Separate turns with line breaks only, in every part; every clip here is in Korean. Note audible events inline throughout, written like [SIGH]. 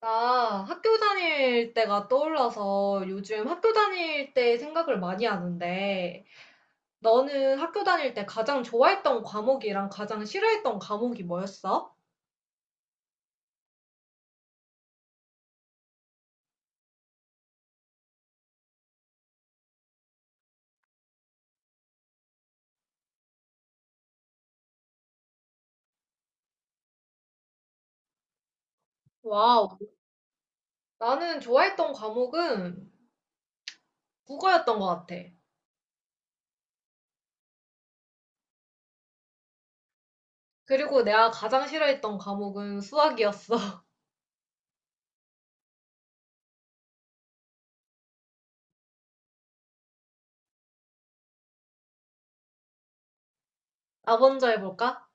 나 학교 다닐 때가 떠올라서 요즘 학교 다닐 때 생각을 많이 하는데, 너는 학교 다닐 때 가장 좋아했던 과목이랑 가장 싫어했던 과목이 뭐였어? 와우. 나는 좋아했던 과목은 국어였던 것 같아. 그리고 내가 가장 싫어했던 과목은 수학이었어. [LAUGHS] 나 먼저 해볼까?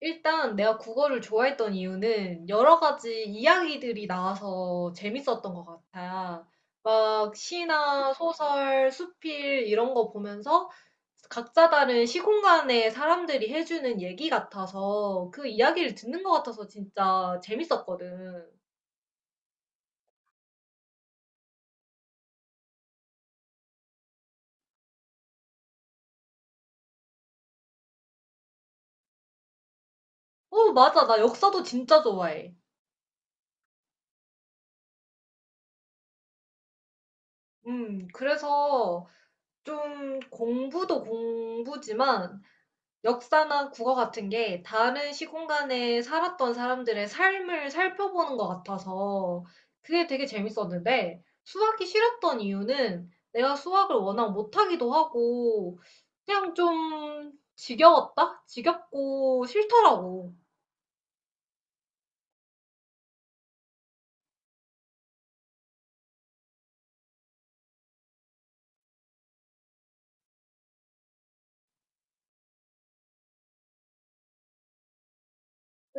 일단 내가 국어를 좋아했던 이유는 여러 가지 이야기들이 나와서 재밌었던 것 같아. 막 시나 소설, 수필 이런 거 보면서 각자 다른 시공간의 사람들이 해주는 얘기 같아서 그 이야기를 듣는 것 같아서 진짜 재밌었거든. 어, 맞아. 나 역사도 진짜 좋아해. 그래서 좀 공부도 공부지만 역사나 국어 같은 게 다른 시공간에 살았던 사람들의 삶을 살펴보는 것 같아서 그게 되게 재밌었는데 수학이 싫었던 이유는 내가 수학을 워낙 못하기도 하고 그냥 좀 지겨웠다? 지겹고 싫더라고.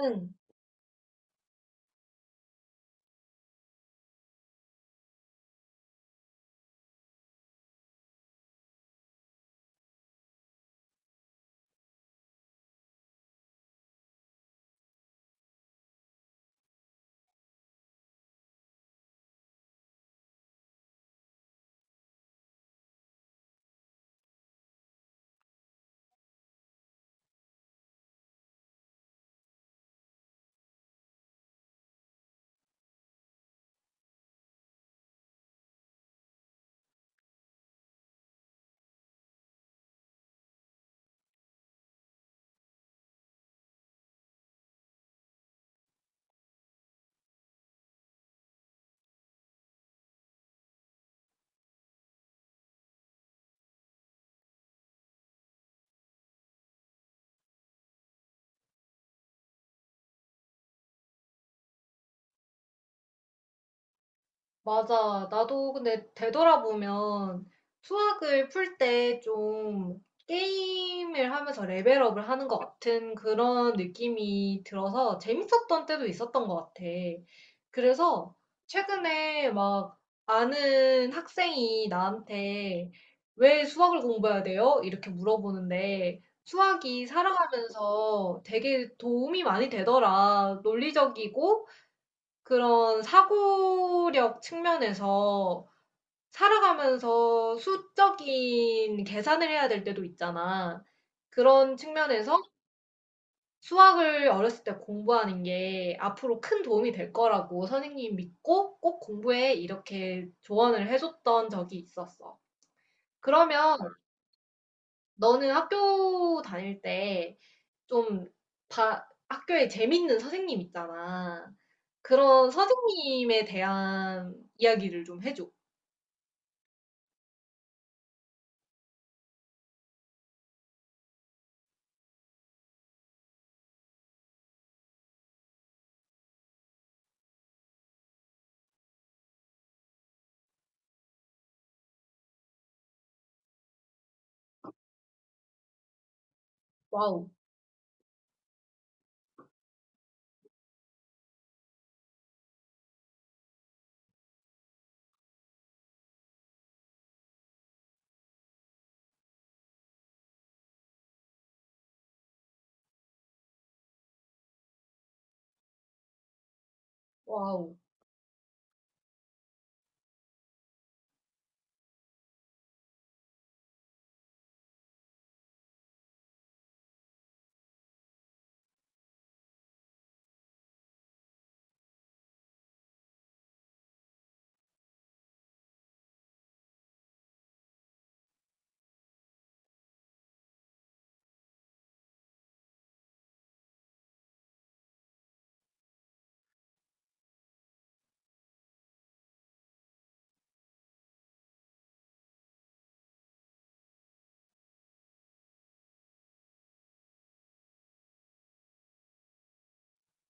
응. 맞아. 나도 근데 되돌아보면 수학을 풀 때 좀 게임을 하면서 레벨업을 하는 것 같은 그런 느낌이 들어서 재밌었던 때도 있었던 것 같아. 그래서 최근에 막 아는 학생이 나한테 왜 수학을 공부해야 돼요? 이렇게 물어보는데 수학이 살아가면서 되게 도움이 많이 되더라. 논리적이고 그런 사고력 측면에서 살아가면서 수적인 계산을 해야 될 때도 있잖아. 그런 측면에서 수학을 어렸을 때 공부하는 게 앞으로 큰 도움이 될 거라고 선생님 믿고 꼭 공부해 이렇게 조언을 해줬던 적이 있었어. 그러면 너는 학교 다닐 때좀 학교에 재밌는 선생님 있잖아. 그런 선생님에 대한 이야기를 좀 해줘. 와우, 와우.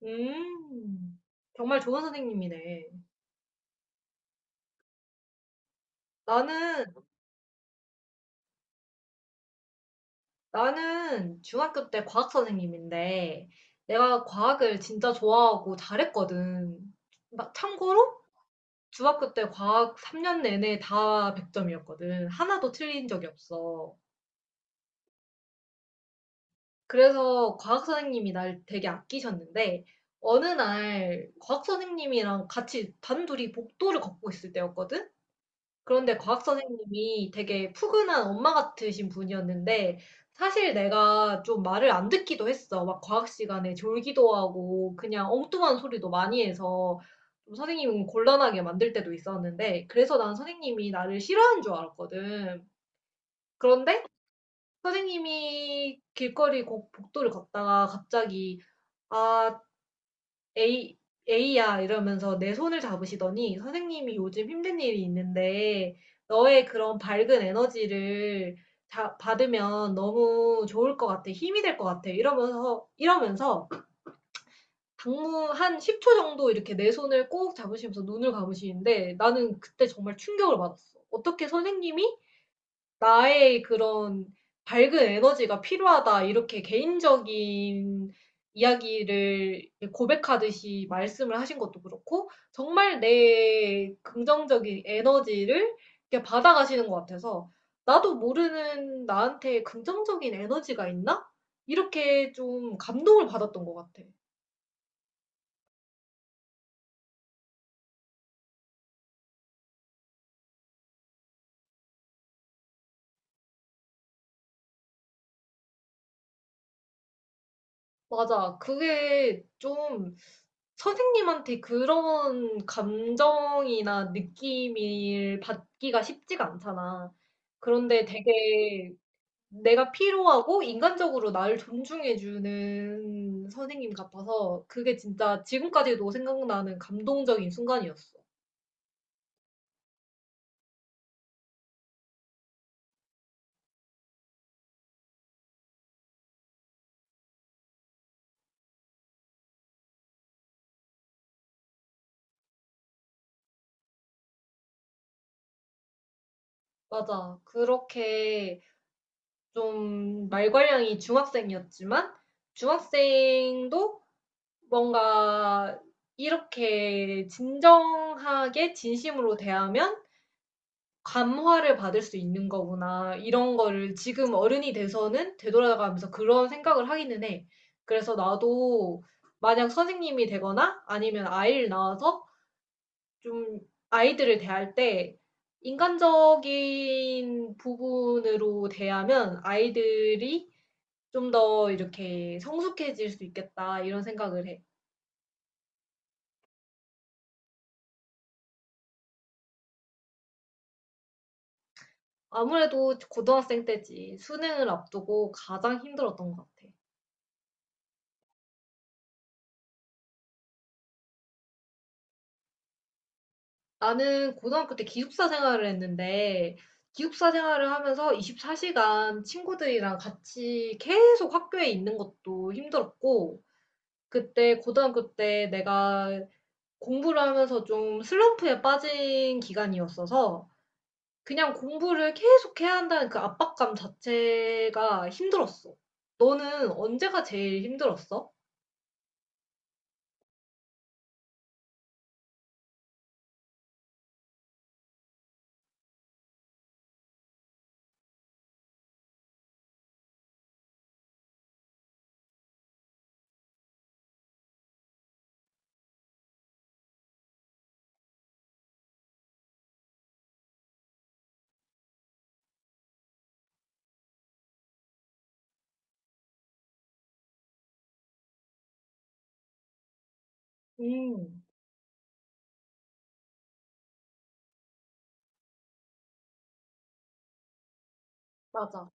음, 정말 좋은 선생님이네. 나는, 나는 중학교 때 과학 선생님인데, 내가 과학을 진짜 좋아하고 잘했거든. 막 참고로, 중학교 때 과학 3년 내내 다 100점이었거든. 하나도 틀린 적이 없어. 그래서 과학 선생님이 날 되게 아끼셨는데, 어느 날 과학 선생님이랑 같이 단둘이 복도를 걷고 있을 때였거든? 그런데 과학 선생님이 되게 푸근한 엄마 같으신 분이었는데 사실 내가 좀 말을 안 듣기도 했어. 막 과학 시간에 졸기도 하고 그냥 엉뚱한 소리도 많이 해서 좀 선생님은 곤란하게 만들 때도 있었는데 그래서 난 선생님이 나를 싫어하는 줄 알았거든. 그런데 선생님이 복도를 걷다가 갑자기 아, 에이, 에이야 이러면서 내 손을 잡으시더니 선생님이 요즘 힘든 일이 있는데 너의 그런 밝은 에너지를 받으면 너무 좋을 것 같아. 힘이 될 것 같아. 이러면서 당무 한 10초 정도 이렇게 내 손을 꼭 잡으시면서 눈을 감으시는데 나는 그때 정말 충격을 받았어. 어떻게 선생님이 나의 그런 밝은 에너지가 필요하다. 이렇게 개인적인 이야기를 고백하듯이 말씀을 하신 것도 그렇고, 정말 내 긍정적인 에너지를 이렇게 받아가시는 것 같아서, 나도 모르는 나한테 긍정적인 에너지가 있나? 이렇게 좀 감동을 받았던 것 같아. 맞아. 그게 좀 선생님한테 그런 감정이나 느낌을 받기가 쉽지가 않잖아. 그런데 되게 내가 필요하고 인간적으로 나를 존중해 주는 선생님 같아서 그게 진짜 지금까지도 생각나는 감동적인 순간이었어. 맞아. 그렇게 좀 말괄량이 중학생이었지만 중학생도 뭔가 이렇게 진정하게 진심으로 대하면 감화를 받을 수 있는 거구나. 이런 거를 지금 어른이 돼서는 되돌아가면서 그런 생각을 하기는 해. 그래서 나도 만약 선생님이 되거나 아니면 아이를 낳아서 좀 아이들을 대할 때 인간적인 부분으로 대하면 아이들이 좀 더 이렇게 성숙해질 수 있겠다. 이런 생각을 해. 아무래도 고등학생 때지. 수능을 앞두고 가장 힘들었던 것 같아. 나는 고등학교 때 기숙사 생활을 했는데, 기숙사 생활을 하면서 24시간 친구들이랑 같이 계속 학교에 있는 것도 힘들었고, 그때 고등학교 때 내가 공부를 하면서 좀 슬럼프에 빠진 기간이었어서, 그냥 공부를 계속 해야 한다는 그 압박감 자체가 힘들었어. 너는 언제가 제일 힘들었어? 음, 맞아.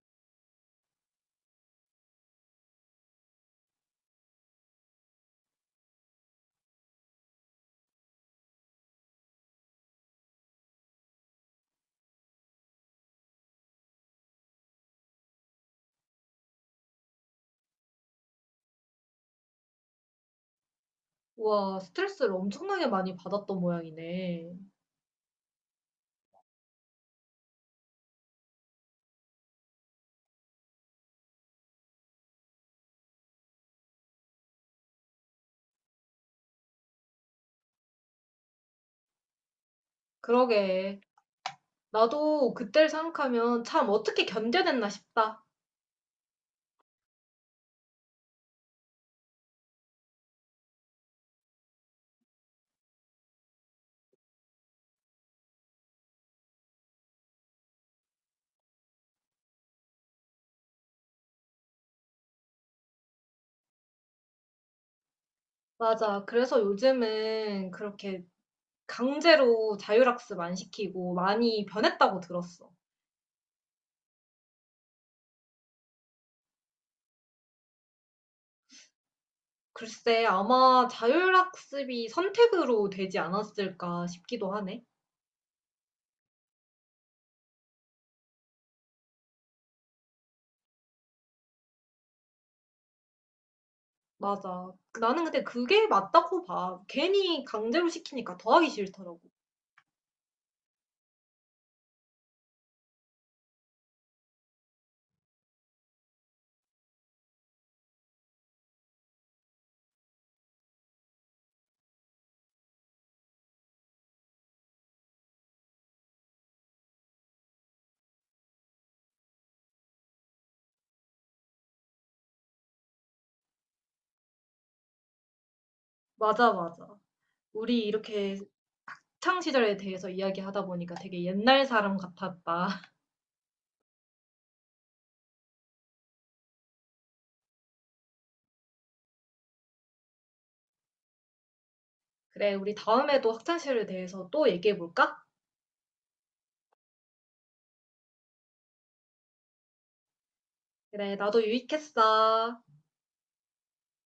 우와, 스트레스를 엄청나게 많이 받았던 모양이네. 그러게. 나도 그때를 생각하면 '참 어떻게 견뎌냈나.' 싶다. 맞아. 그래서 요즘은 그렇게 강제로 자율학습 안 시키고 많이 변했다고 들었어. 글쎄 아마 자율학습이 선택으로 되지 않았을까 싶기도 하네. 맞아. 그 나는 근데 그게 맞다고 봐. 괜히 강제로 시키니까 더 하기 싫더라고. 맞아, 맞아. 우리 이렇게 학창 시절에 대해서 이야기하다 보니까 되게 옛날 사람 같았다. 그래, 우리 다음에도 학창시절에 대해서 또 얘기해 볼까? 그래, 나도 유익했어.